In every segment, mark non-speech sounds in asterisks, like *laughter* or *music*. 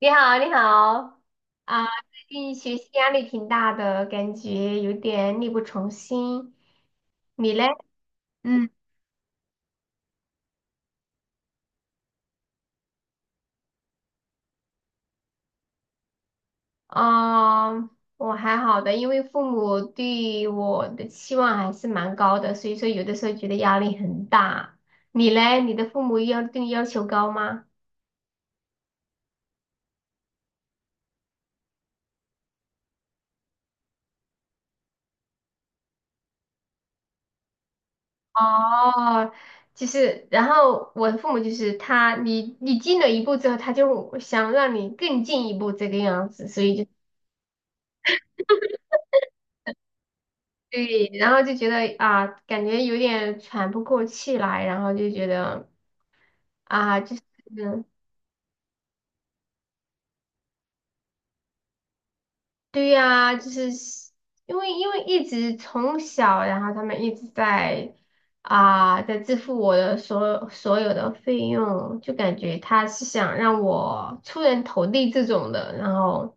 你好，你好，啊，最近学习压力挺大的，感觉有点力不从心。你嘞？嗯，啊，我还好的，因为父母对我的期望还是蛮高的，所以说有的时候觉得压力很大。你嘞？你的父母要对你要求高吗？哦，就是，然后我的父母就是他，你进了一步之后，他就想让你更进一步这个样子，所以就。对，然后就觉得啊，感觉有点喘不过气来，然后就觉得啊，就是，对呀，就是因为一直从小，然后他们一直在啊，在支付我的所有的费用，就感觉他是想让我出人头地这种的，然后。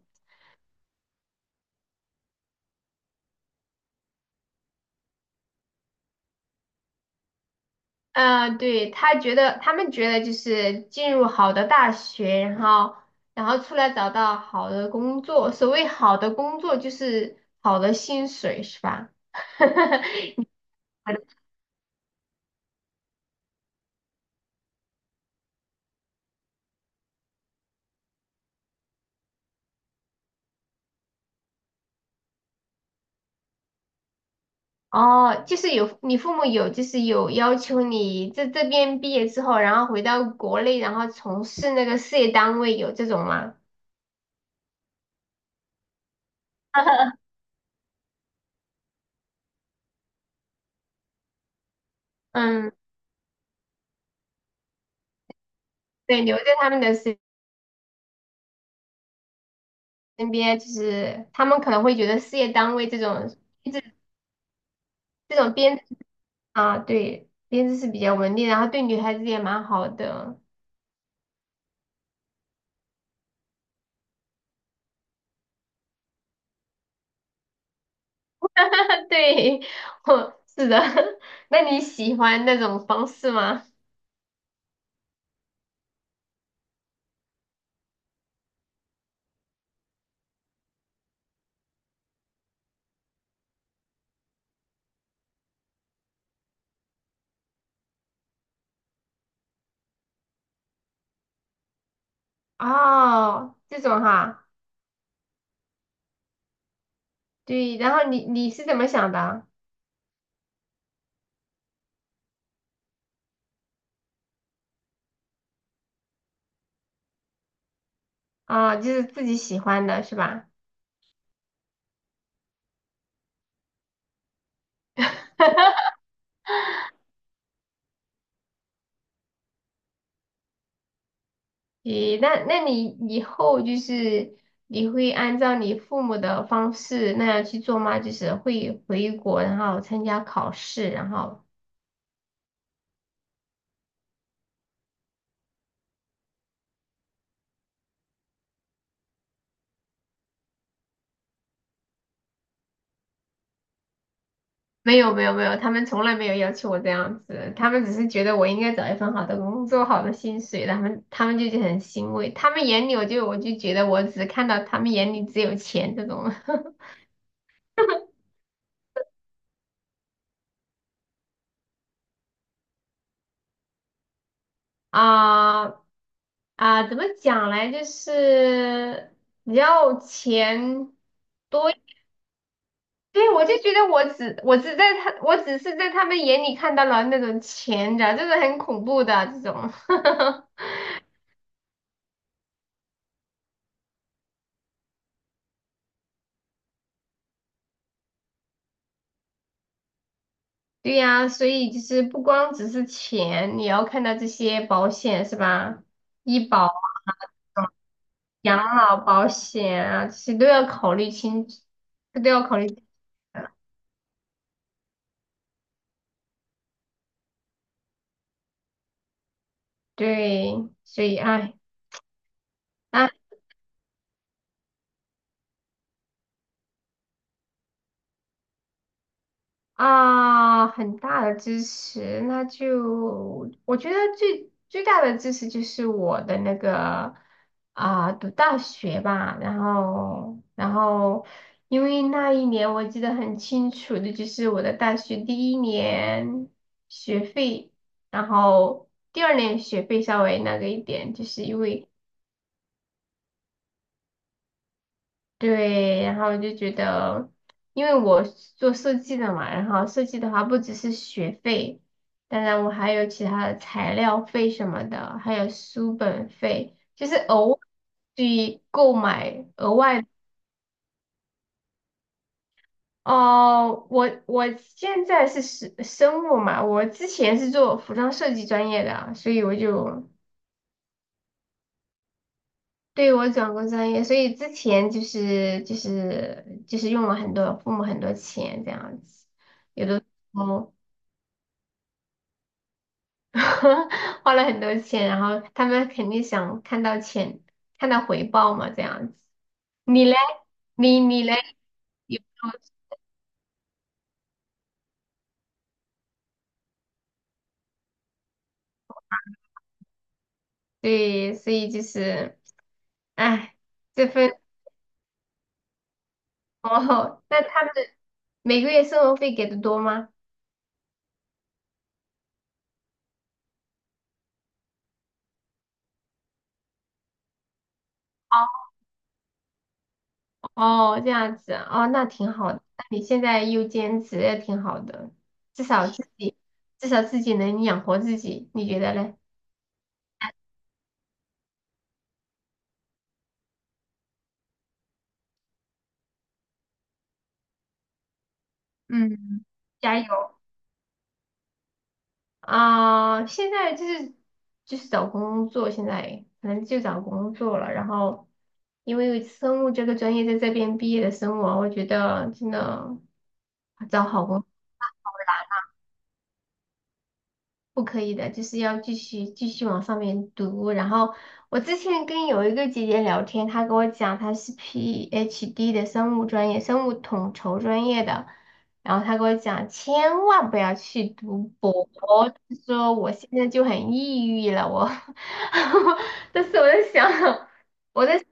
嗯，对，他们觉得就是进入好的大学，然后出来找到好的工作。所谓好的工作就是好的薪水，是吧？*laughs* 哦，就是有你父母有就是有要求你在这边毕业之后，然后回到国内，然后从事那个事业单位，有这种吗？嗯，对，留在他们的身边，就是他们可能会觉得事业单位这这种。啊，对，编制是比较稳定，然后对女孩子也蛮好的。*laughs* 对，*laughs* 我是的。*laughs* 那你喜欢那种方式吗？哦，这种哈，对。然后你是怎么想的？啊，就是自己喜欢的是吧？咦，那你以后就是你会按照你父母的方式那样去做吗？就是会回国，然后参加考试，然后没有没有没有，他们从来没有要求我这样子，他们只是觉得我应该找一份好的工作、好的薪水，他们就觉得很欣慰。他们眼里我觉得我只看到他们眼里只有钱这种。 *laughs* 啊怎么讲嘞？就是你要钱多，对，我就觉得我只是在他们眼里看到了那种钱的，就是很恐怖的这种。*laughs* 对呀，所以就是不光只是钱，你要看到这些保险是吧？医保、养老保险啊，这些都要考虑清，这都要考虑清楚的。对，所以哎，唉啊，很大的支持，那就我觉得最大的支持就是我的那个啊，读大学吧，然后因为那一年我记得很清楚的就是我的大学第一年学费，然后第二年学费稍微那个一点，就是因为。对，然后我就觉得，因为我是做设计的嘛，然后设计的话不只是学费，当然我还有其他的材料费什么的，还有书本费，就是额外去购买额外。哦，我现在是生物嘛，我之前是做服装设计专业的，所以我就对，我转过专业，所以之前就是用了很多父母很多钱这样子，有的时候 *laughs* 花了很多钱，然后他们肯定想看到钱，看到回报嘛这样子。你嘞？你嘞？有没有对，所以就是哎，这份哦，*laughs* 那他们每个月生活费给的多吗？哦。哦，这样子哦，那挺好的。那你现在又兼职也挺好的，至少自己至少自己能养活自己，你觉得嘞？嗯，加油啊！现在就是找工作，现在可能就找工作了。然后因为生物这个专业在这边毕业的生物啊，我觉得真的找好工作不可以的，就是要继续往上面读。然后我之前跟有一个姐姐聊天，她跟我讲她是 PhD 的生物专业，生物统筹专业的。然后她跟我讲，千万不要去读博，她说我现在就很抑郁了。我，*laughs* 但是我在想，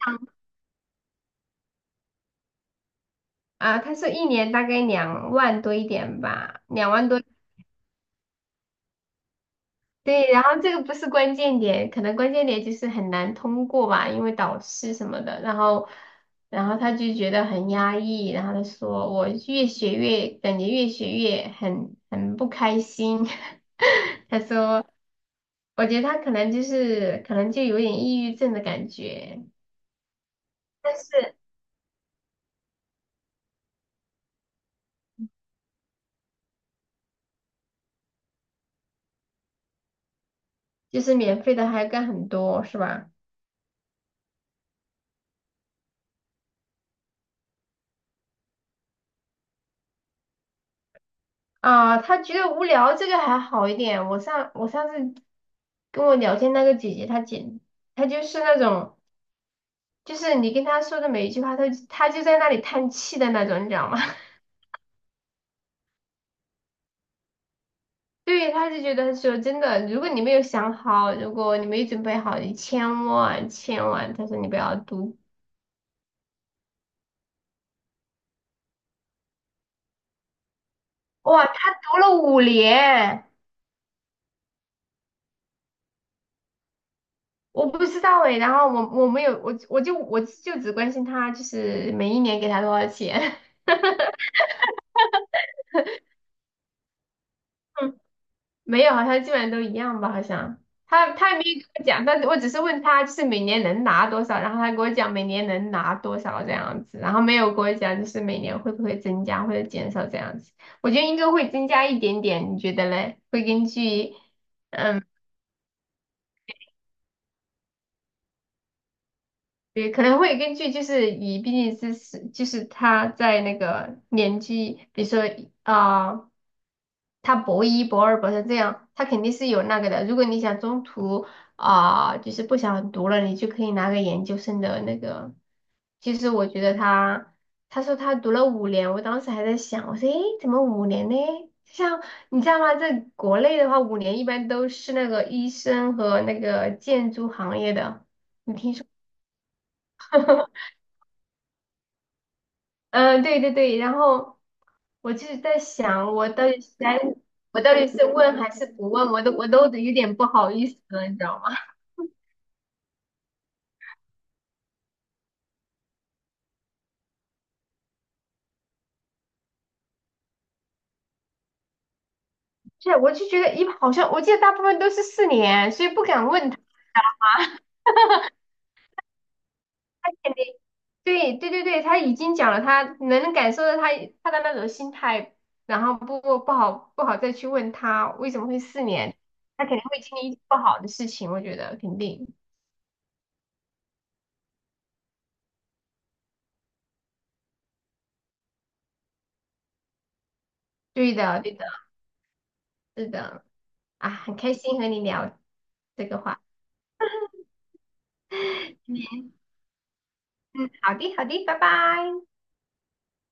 啊，她说一年大概两万多一点吧，两万多。对，然后这个不是关键点，可能关键点就是很难通过吧，因为导师什么的，然后，然后他就觉得很压抑，然后他说我越学越感觉越学越很不开心，*laughs* 他说，我觉得他可能就是可能就有点抑郁症的感觉，但是就是免费的还干很多是吧？啊，他觉得无聊这个还好一点，我上次跟我聊天那个姐姐，她就是那种。就是你跟他说的每一句话，他就在那里叹气的那种，你知道吗？*laughs* 对，他就觉得说真的，如果你没有想好，如果你没准备好，你千万千万，他说你不要读。哇，他读了五年，我不知道哎。然后我我没有我我就我就只关心他，就是每一年给他多少钱。*laughs* 没有，好像基本上都一样吧，好像他也没有跟我讲，但是我只是问他就是每年能拿多少，然后他跟我讲每年能拿多少这样子，然后没有跟我讲就是每年会不会增加或者减少这样子，我觉得应该会增加一点点，你觉得嘞？会根据嗯，也可能会根据就是以毕竟就是他在那个年纪，比如说啊。他博一、博二、博三这样，他肯定是有那个的。如果你想中途啊、就是不想读了，你就可以拿个研究生的那个。其实我觉得他，他说他读了五年，我当时还在想，我说，诶，怎么五年呢？像你知道吗？在国内的话，五年一般都是那个医生和那个建筑行业的。你听。嗯，对对对，然后我就是在想，我到底是该，我到底是问还是不问，我都有点不好意思了，你知道吗？*laughs* 是，我就觉得一好像我记得大部分都是四年，所以不敢问他。肯定对对对对，他已经讲了他，能感受到他的那种心态，然后不好再去问他为什么会四年，他肯定会经历一些不好的事情，我觉得肯定对的对的是的啊，很开心和你聊这个话。题。嗯，好的，好的，拜拜。